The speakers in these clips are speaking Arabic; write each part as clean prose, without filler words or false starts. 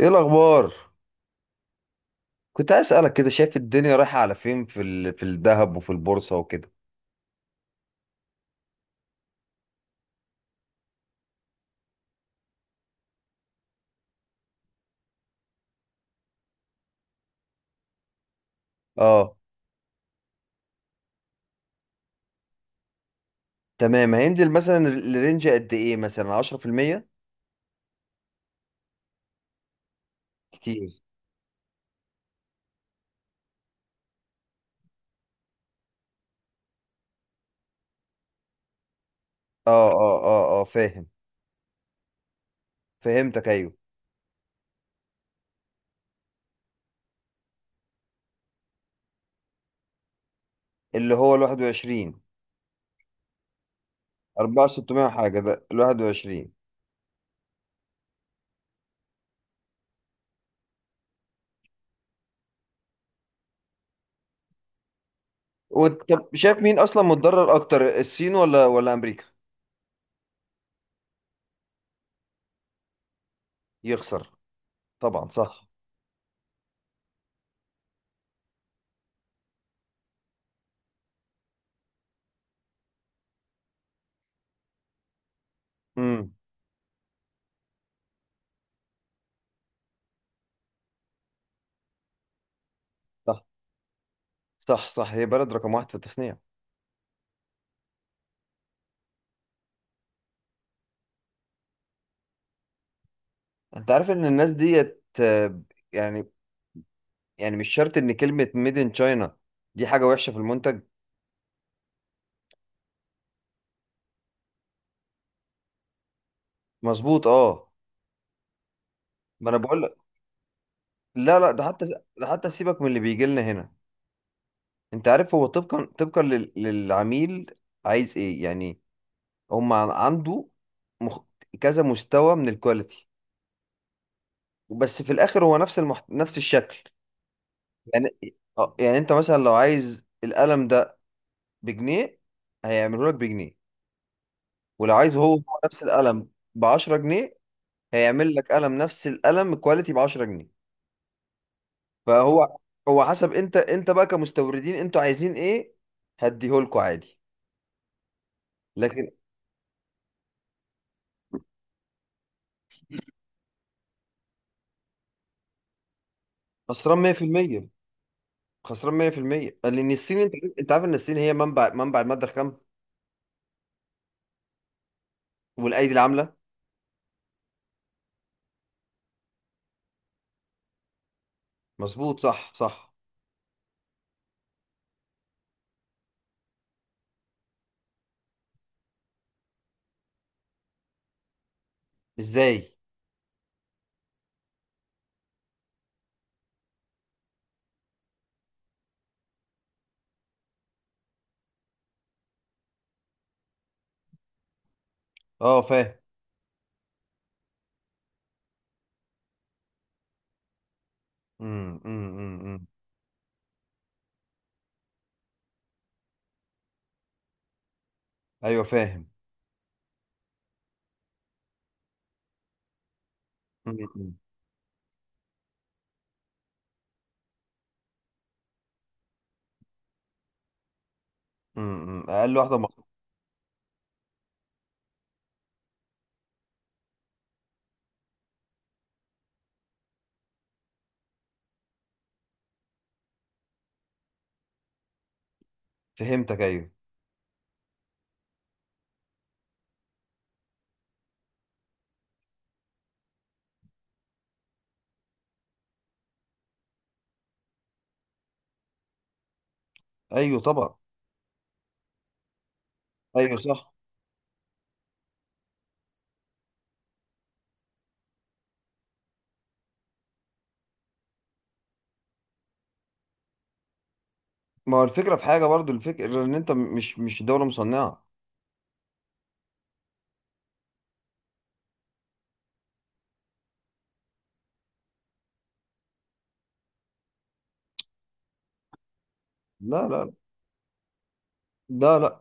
ايه الاخبار؟ كنت عايز اسالك كده، شايف الدنيا رايحه على فين في الذهب وفي البورصه وكده؟ اه. تمام، هينزل مثلا الرينج قد ايه، مثلا 10%؟ كتير. اه، اه، اه، اه، فاهم. فهمتك، ايوه. اللي هو ال 21؟ 4600 حاجه، ده ال 21. وانت شايف مين اصلا متضرر اكتر، الصين ولا امريكا؟ يخسر. طبعا صح. امم. صح، صح، صح، هي بلد رقم واحد في التصنيع. انت عارف ان الناس ديت، يعني، يعني مش شرط ان كلمة ميد ان تشاينا دي حاجة وحشة في المنتج. مظبوط، اه. ما انا بقول لك. لا، لا، ده حتى، ده حتى سيبك من اللي بيجي لنا هنا. انت عارف، هو طبقا للعميل، عايز ايه يعني؟ هم عنده مخ... كذا مستوى من الكواليتي، بس في الاخر هو نفس الشكل. يعني يعني انت مثلا لو عايز القلم ده بجنيه، هيعمله لك بجنيه. ولو عايز هو نفس القلم ب 10 جنيه، هيعمل لك قلم نفس القلم كواليتي ب 10 جنيه. فهو، هو حسب انت بقى كمستوردين انتوا عايزين ايه، هديهولكوا عادي. لكن خسران 100%. خسران 100% لان الصين، انت عارف ان الصين هي منبع الماده الخام والايدي العامله. مظبوط، صح، صح. ازاي؟ اه، فاهم. امم، امم، امم، ايوه، فاهم. امم، امم، إمم. اقل واحده فهمتك، ايوه. ايوه طبعا. ايوه صح. ما هو الفكره في حاجه، برضو الفكره ان انت مش دوله مصنعه. لا، لا، لا، لا،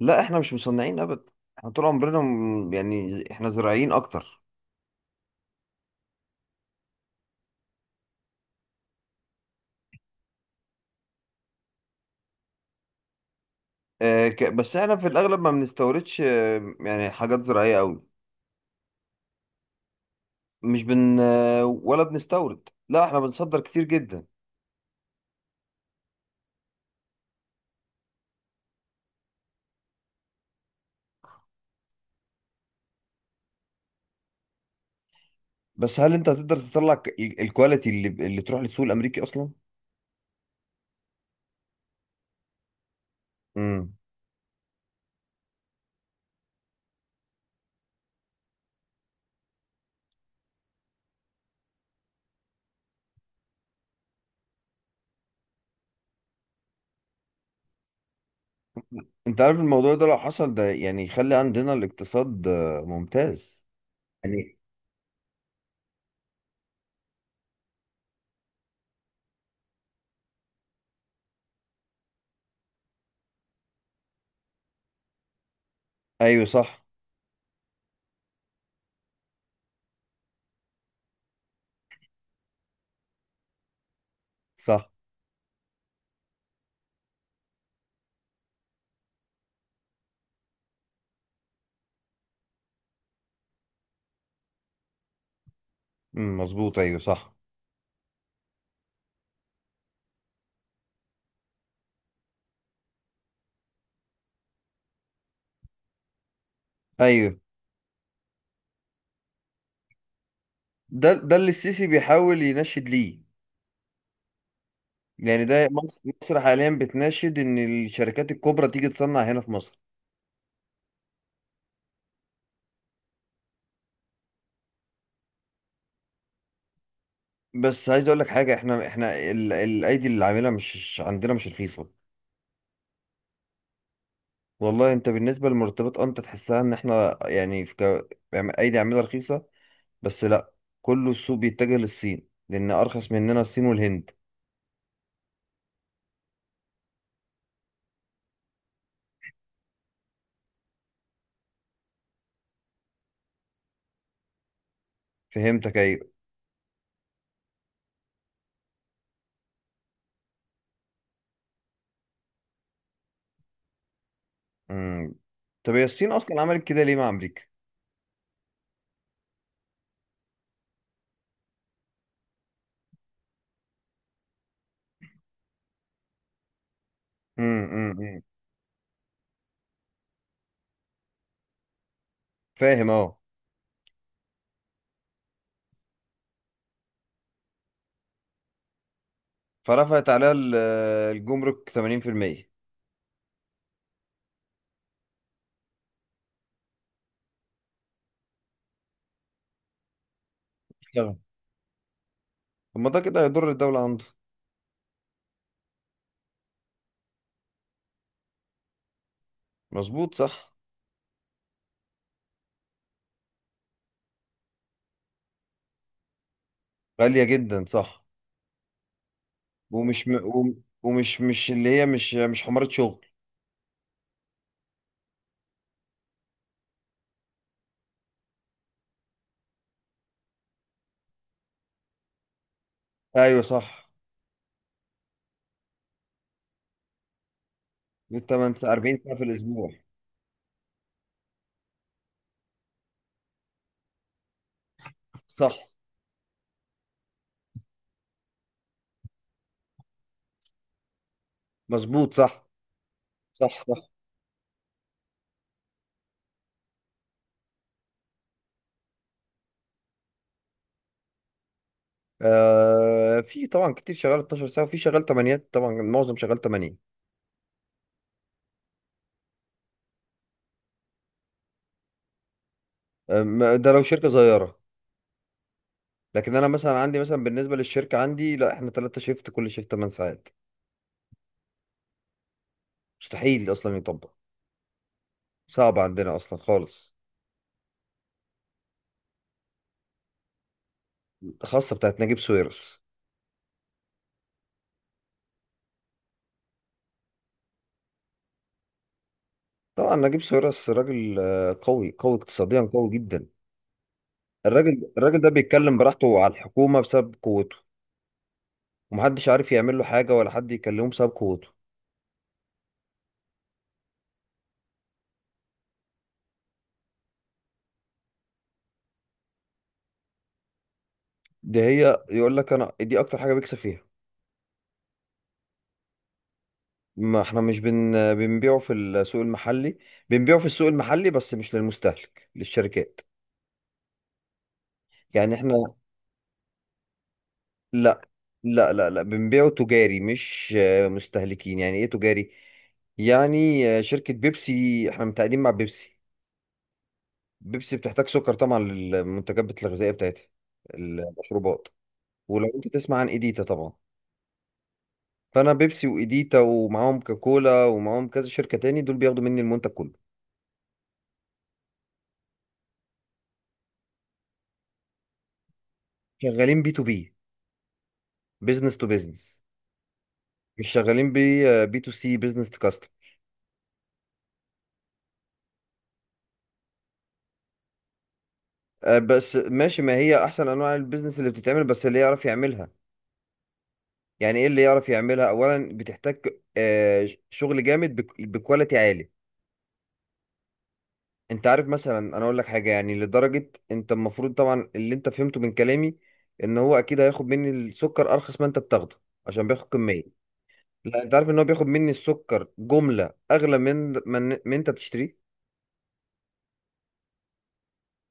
لا، احنا مش مصنعين ابدا. احنا طول عمرنا يعني احنا زراعيين اكتر. بس احنا في الاغلب ما بنستوردش، يعني حاجات زراعيه قوي. مش بن آه، ولا بنستورد، لا، احنا بنصدر كتير جدا. بس هل انت هتقدر تطلع الكواليتي اللي تروح للسوق الامريكي اصلا؟ امم. انت عارف الموضوع ده لو حصل، ده يعني يخلي عندنا الاقتصاد ممتاز. يعني ايوه، صح، صح. امم، مظبوط، ايوه، صح. ايوه، ده اللي السيسي بيحاول ينشد ليه. يعني ده مصر حاليا بتناشد ان الشركات الكبرى تيجي تصنع هنا في مصر. بس عايز اقول لك حاجه، احنا الايدي اللي عاملها مش عندنا مش رخيصه. والله انت بالنسبه للمرتبات، انت تحسها ان احنا يعني يعني ايدي عاملها رخيصه. بس لا، كله السوق بيتجه للصين لان ارخص مننا الصين والهند. فهمتك، ايوه. امم. طب هي الصين اصلا عملت كده ليه مع امريكا؟ امم، امم، أمم. فاهم، اه. فرفعت عليها الجمرك 80%. طب ما ده كده هيضر الدوله عنده. مظبوط، صح. غالية جدا، صح. ومش م... ومش مش اللي هي مش حمارة شغل. ايوه، صح. دي 8 ساعة، 40 ساعة في الاسبوع. صح، مظبوط، صح، صح، صح. آه، في طبعا كتير شغال 12 ساعة، وفي شغال 8، طبعا معظم شغال 8. ده لو شركة صغيرة. لكن انا مثلا عندي، مثلا بالنسبة للشركة عندي، لا، احنا 3 شيفت، كل شيفت 8 ساعات. مستحيل اصلا يطبق. صعب عندنا اصلا خالص. خاصة بتاعت نجيب ساويرس. طبعا نجيب ساويرس راجل قوي قوي اقتصاديا، قوي جدا. الراجل ده بيتكلم براحته على الحكومة بسبب قوته. ومحدش عارف يعمل له حاجة ولا حد يكلمه بسبب قوته. دي هي، يقول لك انا دي اكتر حاجة بيكسب فيها. ما احنا مش بنبيعه في السوق المحلي. بنبيعه في السوق المحلي بس مش للمستهلك، للشركات. يعني احنا، لا، لا، لا، لا، بنبيعه تجاري مش مستهلكين. يعني ايه تجاري؟ يعني شركة بيبسي، احنا متعاقدين مع بيبسي. بيبسي بتحتاج سكر طبعا للمنتجات الغذائيه بتاعتها، المشروبات. ولو انت تسمع عن ايديتا طبعا. فانا بيبسي وايديتا ومعاهم كوكولا ومعاهم كذا شركه تاني، دول بياخدوا مني المنتج كله. شغالين بي تو بي، بزنس تو بزنس، مش شغالين بي تو سي، بزنس تو كاستم. بس ماشي، ما هي احسن انواع البيزنس اللي بتتعمل، بس اللي يعرف يعملها. يعني ايه اللي يعرف يعملها؟ اولا بتحتاج شغل جامد بكواليتي عالي. انت عارف مثلا انا اقول لك حاجه، يعني لدرجه انت المفروض طبعا اللي انت فهمته من كلامي ان هو اكيد هياخد مني السكر ارخص ما انت بتاخده، عشان بياخد كميه. لا، انت عارف ان هو بياخد مني السكر جمله اغلى من انت بتشتريه.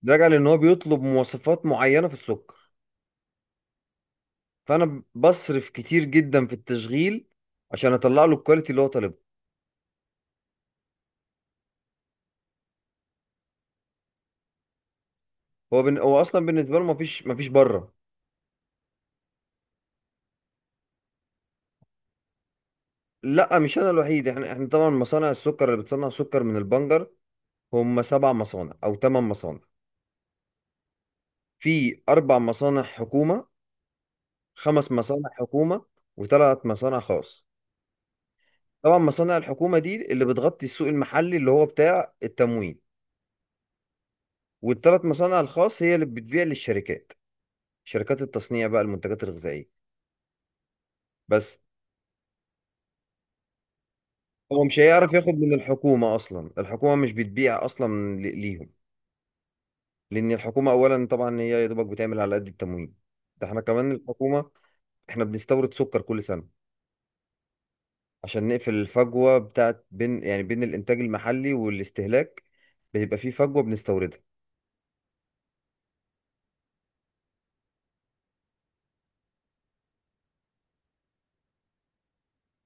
ده راجع لان هو بيطلب مواصفات معينه في السكر، فانا بصرف كتير جدا في التشغيل عشان اطلع له الكواليتي اللي هو طالبه. هو اصلا بالنسبه له مفيش بره. لا، مش انا الوحيد، احنا طبعا مصانع السكر اللي بتصنع سكر من البنجر هم سبع مصانع او ثمان مصانع. في اربع مصانع حكومه، خمس مصانع حكومه، وثلاث مصانع خاص. طبعا مصانع الحكومه دي اللي بتغطي السوق المحلي اللي هو بتاع التموين، والثلاث مصانع الخاص هي اللي بتبيع للشركات، شركات التصنيع بقى المنتجات الغذائيه. بس هو مش هيعرف ياخد من الحكومه اصلا، الحكومه مش بتبيع اصلا ليهم. لان الحكومه اولا طبعا هي يا دوبك بتعمل على قد التموين. ده احنا كمان الحكومه، احنا بنستورد سكر كل سنه عشان نقفل الفجوة بتاعت بين، يعني بين الإنتاج المحلي والاستهلاك، بيبقى في فجوة بنستوردها.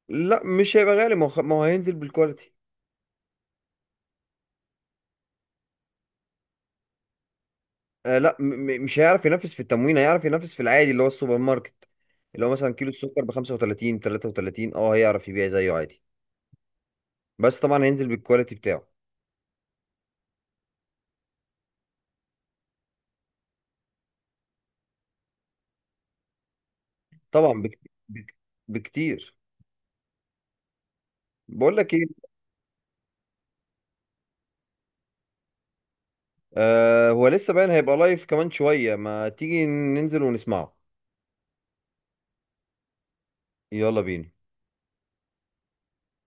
لا، مش هيبقى غالي، ما هو هينزل بالكواليتي. لا، مش هيعرف ينافس في التموين، هيعرف ينافس في العادي اللي هو السوبر ماركت، اللي هو مثلا كيلو السكر ب 35 ب 33، هيعرف يبيع زيه عادي. بس طبعا هينزل بالكواليتي بتاعه. طبعا بك بك بكتير. بقول لك ايه. آه، هو لسه باين، هيبقى لايف كمان شوية، ما تيجي ننزل ونسمعه. يلا بينا.